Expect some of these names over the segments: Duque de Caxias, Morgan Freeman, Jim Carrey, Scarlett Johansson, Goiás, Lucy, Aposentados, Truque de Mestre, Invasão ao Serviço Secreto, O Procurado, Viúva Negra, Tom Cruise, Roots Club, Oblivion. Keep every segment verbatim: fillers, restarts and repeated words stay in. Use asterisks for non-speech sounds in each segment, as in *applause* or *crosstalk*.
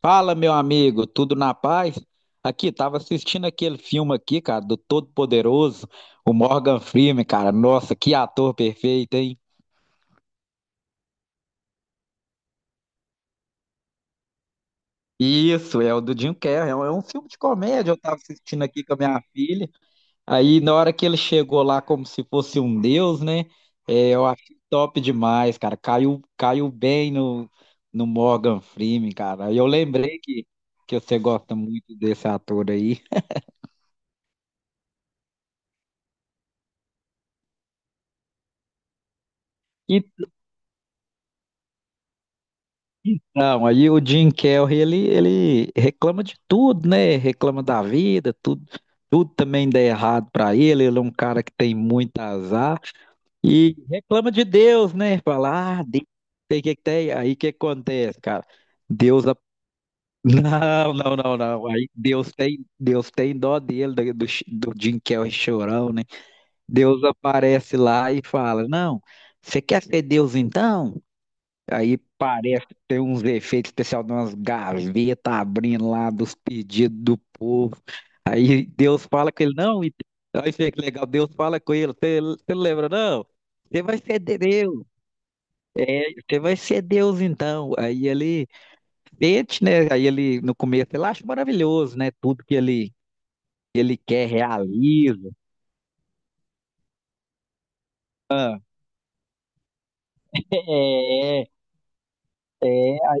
Fala, meu amigo, tudo na paz? Aqui, tava assistindo aquele filme aqui, cara, do Todo-Poderoso, o Morgan Freeman, cara. Nossa, que ator perfeito, hein? Isso, é o do Jim Carrey, é um é um filme de comédia, eu tava assistindo aqui com a minha filha. Aí, na hora que ele chegou lá como se fosse um deus, né? É, eu achei top demais, cara. Caiu, caiu bem no, no Morgan Freeman, cara. Aí eu lembrei que, que você gosta muito desse ator aí. Não, aí o Jim Carrey, ele, ele reclama de tudo, né? Reclama da vida, tudo, tudo também dá errado pra ele. Ele é um cara que tem muito azar e reclama de Deus, né? Fala, ah, Deus, sei que que tem. Aí o que acontece, cara? Deus, a- *laughs* não, não, não, não. Aí Deus tem, Deus tem dó dele, do, do, do Jim Carrey chorão, né? Deus aparece lá e fala, não, você quer ser Deus então? Aí parece que tem uns efeitos especiais de umas gavetas abrindo lá dos pedidos do povo. Aí Deus fala com ele, não, e- aí fica legal, Deus fala com ele, você não lembra, não? Você vai ser Deus. É, você vai ser Deus então. Aí ele sente, né? Aí ele, no começo, ele acha maravilhoso, né? Tudo que ele, ele quer realiza. É, é,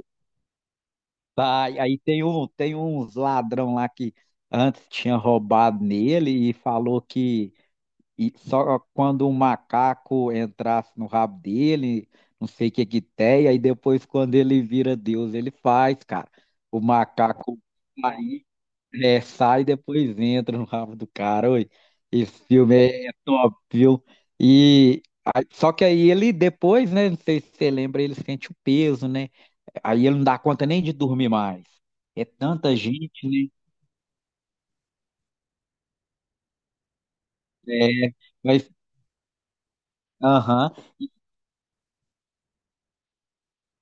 vai. Aí tem um, tem uns ladrão lá que antes tinha roubado nele e falou que E só quando um macaco entrasse no rabo dele, não sei o que que tem, aí depois quando ele vira Deus, ele faz, cara. O macaco aí é, sai e depois entra no rabo do cara. Oi, esse filme é é top, viu? E aí- só que aí ele depois, né? Não sei se você lembra, ele sente o peso, né? Aí ele não dá conta nem de dormir mais. É tanta gente, né? É, mas, aham.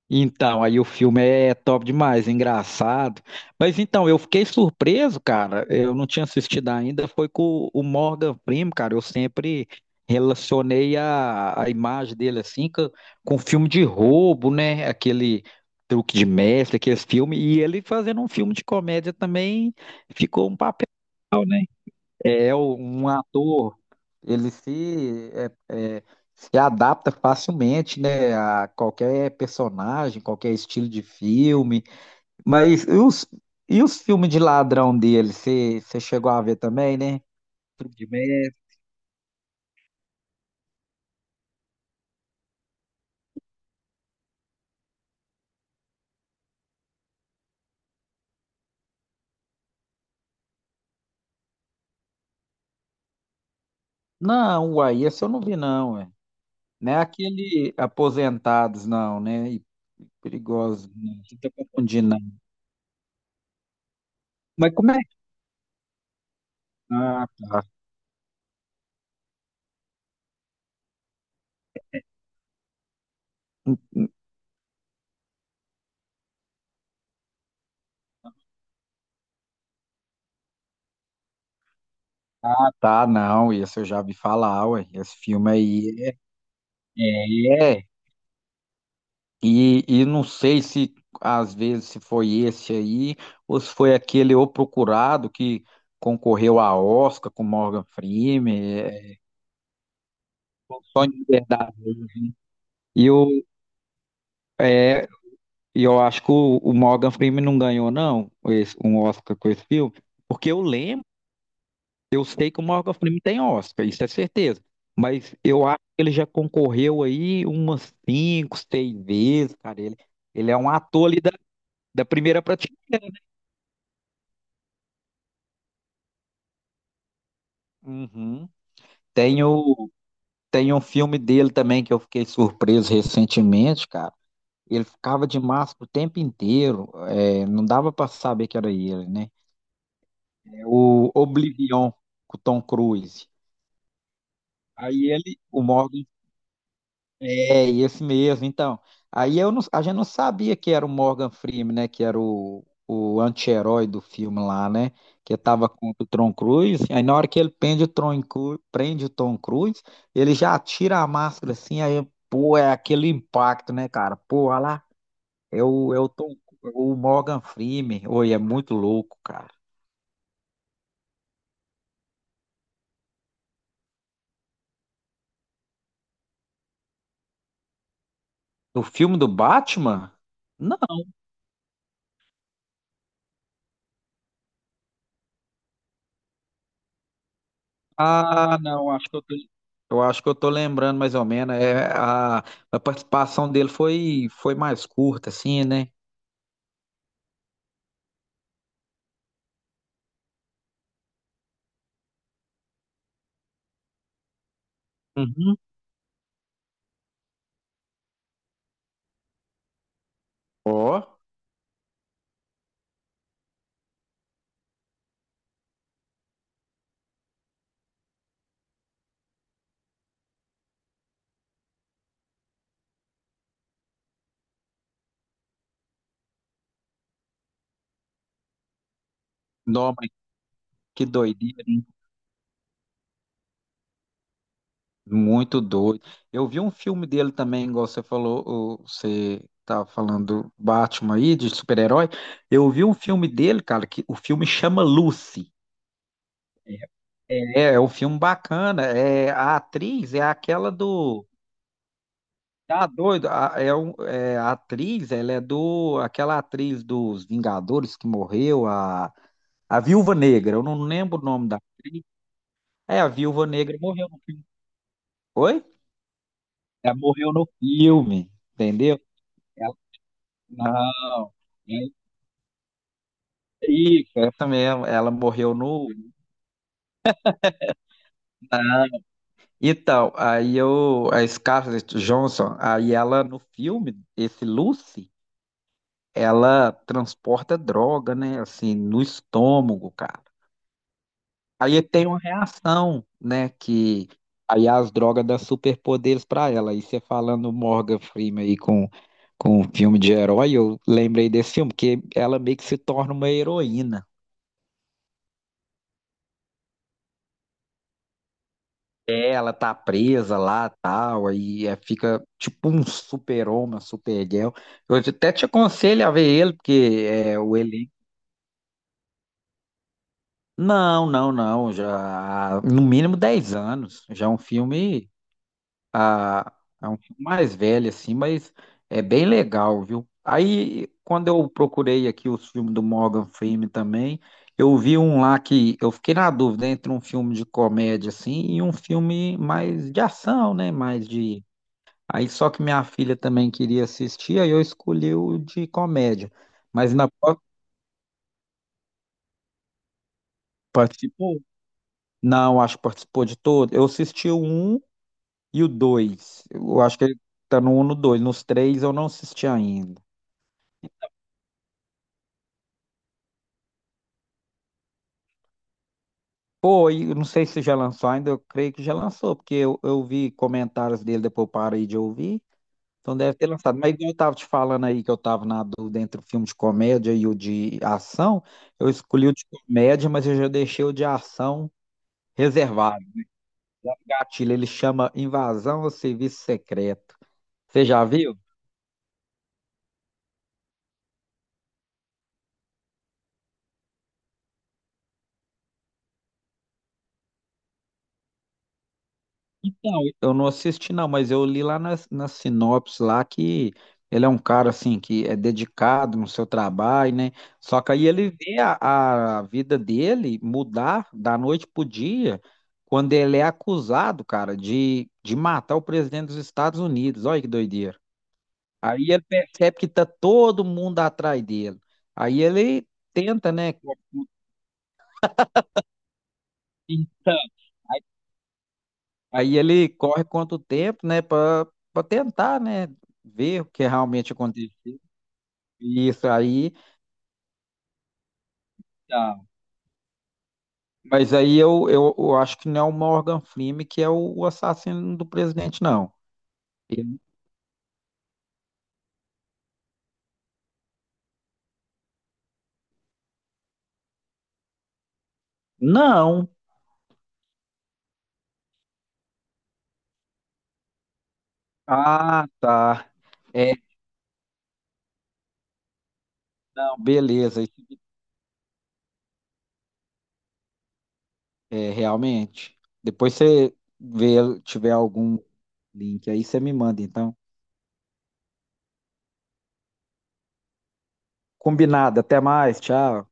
Então, aí o filme é top demais, engraçado. Mas então, eu fiquei surpreso, cara. Eu não tinha assistido ainda. Foi com o Morgan Freeman, cara. Eu sempre relacionei a, a imagem dele assim com, com filme de roubo, né? Aquele truque de mestre, aquele filme. E ele fazendo um filme de comédia também ficou um papel. É é o- um ator, ele se, é, é, se adapta facilmente, né, a qualquer personagem, qualquer estilo de filme. Mas e os, e os filmes de ladrão dele, você você chegou a ver também, né? Truque de Mestre. Não, uai, esse eu não vi não, ué. Não é aquele Aposentados, não, né? E perigosos, não. Você tá confundindo, não. Mas como é? Ah, tá. Ah, tá, tá, não, esse eu já vi falar, ué. Esse filme aí é... É, e, e não sei se às vezes se foi esse aí ou se foi aquele O Procurado que concorreu a Oscar com Morgan Freeman. É verdade. E eu, é, e eu acho que o, o Morgan Freeman não ganhou, não, esse- um Oscar com esse filme, porque eu lembro, eu sei que o Morgan Freeman tem Oscar, isso é certeza. Mas eu acho que ele já concorreu aí umas cinco, seis vezes, cara. Ele, ele é um ator ali da, da primeira prateleira. Uhum. Tem o, tem um filme dele também que eu fiquei surpreso recentemente, cara. Ele ficava de máscara o tempo inteiro, é, não dava pra saber que era ele, né? É o Oblivion, com o Tom Cruise. Aí ele, o Morgan É, esse mesmo, então. Aí eu não- a gente não sabia que era o Morgan Freeman, né? Que era o, o anti-herói do filme lá, né? Que tava contra o Tom Cruise. Aí na hora que ele prende o Tom Cruise, prende o Tom Cruise, ele já tira a máscara assim, aí, pô, é aquele impacto, né, cara? Pô, olha lá, é o, é o Tom, o Morgan Freeman. Oi, é muito louco, cara. O filme do Batman? Ah, não, acho que eu tô, eu acho que eu tô lembrando mais ou menos. É, a, a participação dele foi, foi mais curta, assim, né? Uhum. Ó, não, mas que doideira, hein? Muito doido. Eu vi um filme dele também, igual você falou, o- você tava falando do Batman aí, de super-herói. Eu vi um filme dele, cara, que o filme chama Lucy. É, é um filme bacana. É, a atriz é aquela do... Tá doido? A, é, um- é, a atriz, ela é do. Aquela atriz dos Vingadores que morreu, a, a Viúva Negra. Eu não lembro o nome da atriz. É, a Viúva Negra morreu no filme. Oi? Ela morreu no filme, entendeu? Ela- não, é isso, essa mesmo. Ela morreu no. Então, aí eu, a Scarlett Johansson, aí ela no filme, esse Lucy, ela transporta droga, né? Assim, no estômago, cara. Aí tem uma reação, né? Que aí é as drogas dão superpoderes pra ela. Aí você falando Morgan Freeman aí com, com um filme de herói, eu lembrei desse filme, que ela meio que se torna uma heroína. É, ela tá presa lá tal, aí é, fica tipo um super-homem, uma super-girl. Eu até te aconselho a ver ele, porque é o elenco. Não, não, não, já há no mínimo dez anos. Já é um filme a, a um filme mais velho, assim, mas é bem legal, viu? Aí, quando eu procurei aqui os filmes do Morgan Freeman também, eu vi um lá que eu fiquei na dúvida entre um filme de comédia, assim, e um filme mais de ação, né? Mais de. Aí, só que minha filha também queria assistir, aí eu escolhi o de comédia. Mas na pró- participou? Não, acho que participou de todo. Eu assisti o um e o dois. Eu acho que ele tá no um, e no dois. Nos três eu não assisti ainda. Pô, e eu não sei se já lançou ainda, eu creio que já lançou, porque eu, eu vi comentários dele, depois eu parei de ouvir, então deve ter lançado. Mas igual eu tava te falando aí que eu tava na dúvida entre o filme de comédia e o de ação, eu escolhi o de comédia, mas eu já deixei o de ação reservado. Gatilho, ele chama Invasão ao Serviço Secreto. Você já viu? Então, eu não assisti não, mas eu li lá na, na sinopse lá que ele é um cara assim que é dedicado no seu trabalho, né? Só que aí ele vê a, a vida dele mudar da noite pro dia quando ele é acusado, cara, de, de matar o presidente dos Estados Unidos. Olha que doideira. Aí ele percebe que tá todo mundo atrás dele. Aí ele tenta, né? Então, aí ele corre quanto tempo, né, Pra para tentar, né, ver o que realmente aconteceu. E isso aí. Tá. Mas aí eu, eu, eu acho que não é o Morgan Freeman que é o, o assassino do presidente, não. Ele- Não. Ah, tá. É, não, beleza. É, realmente. Depois você vê, tiver algum link aí, você me manda, então. Combinado. Até mais. Tchau.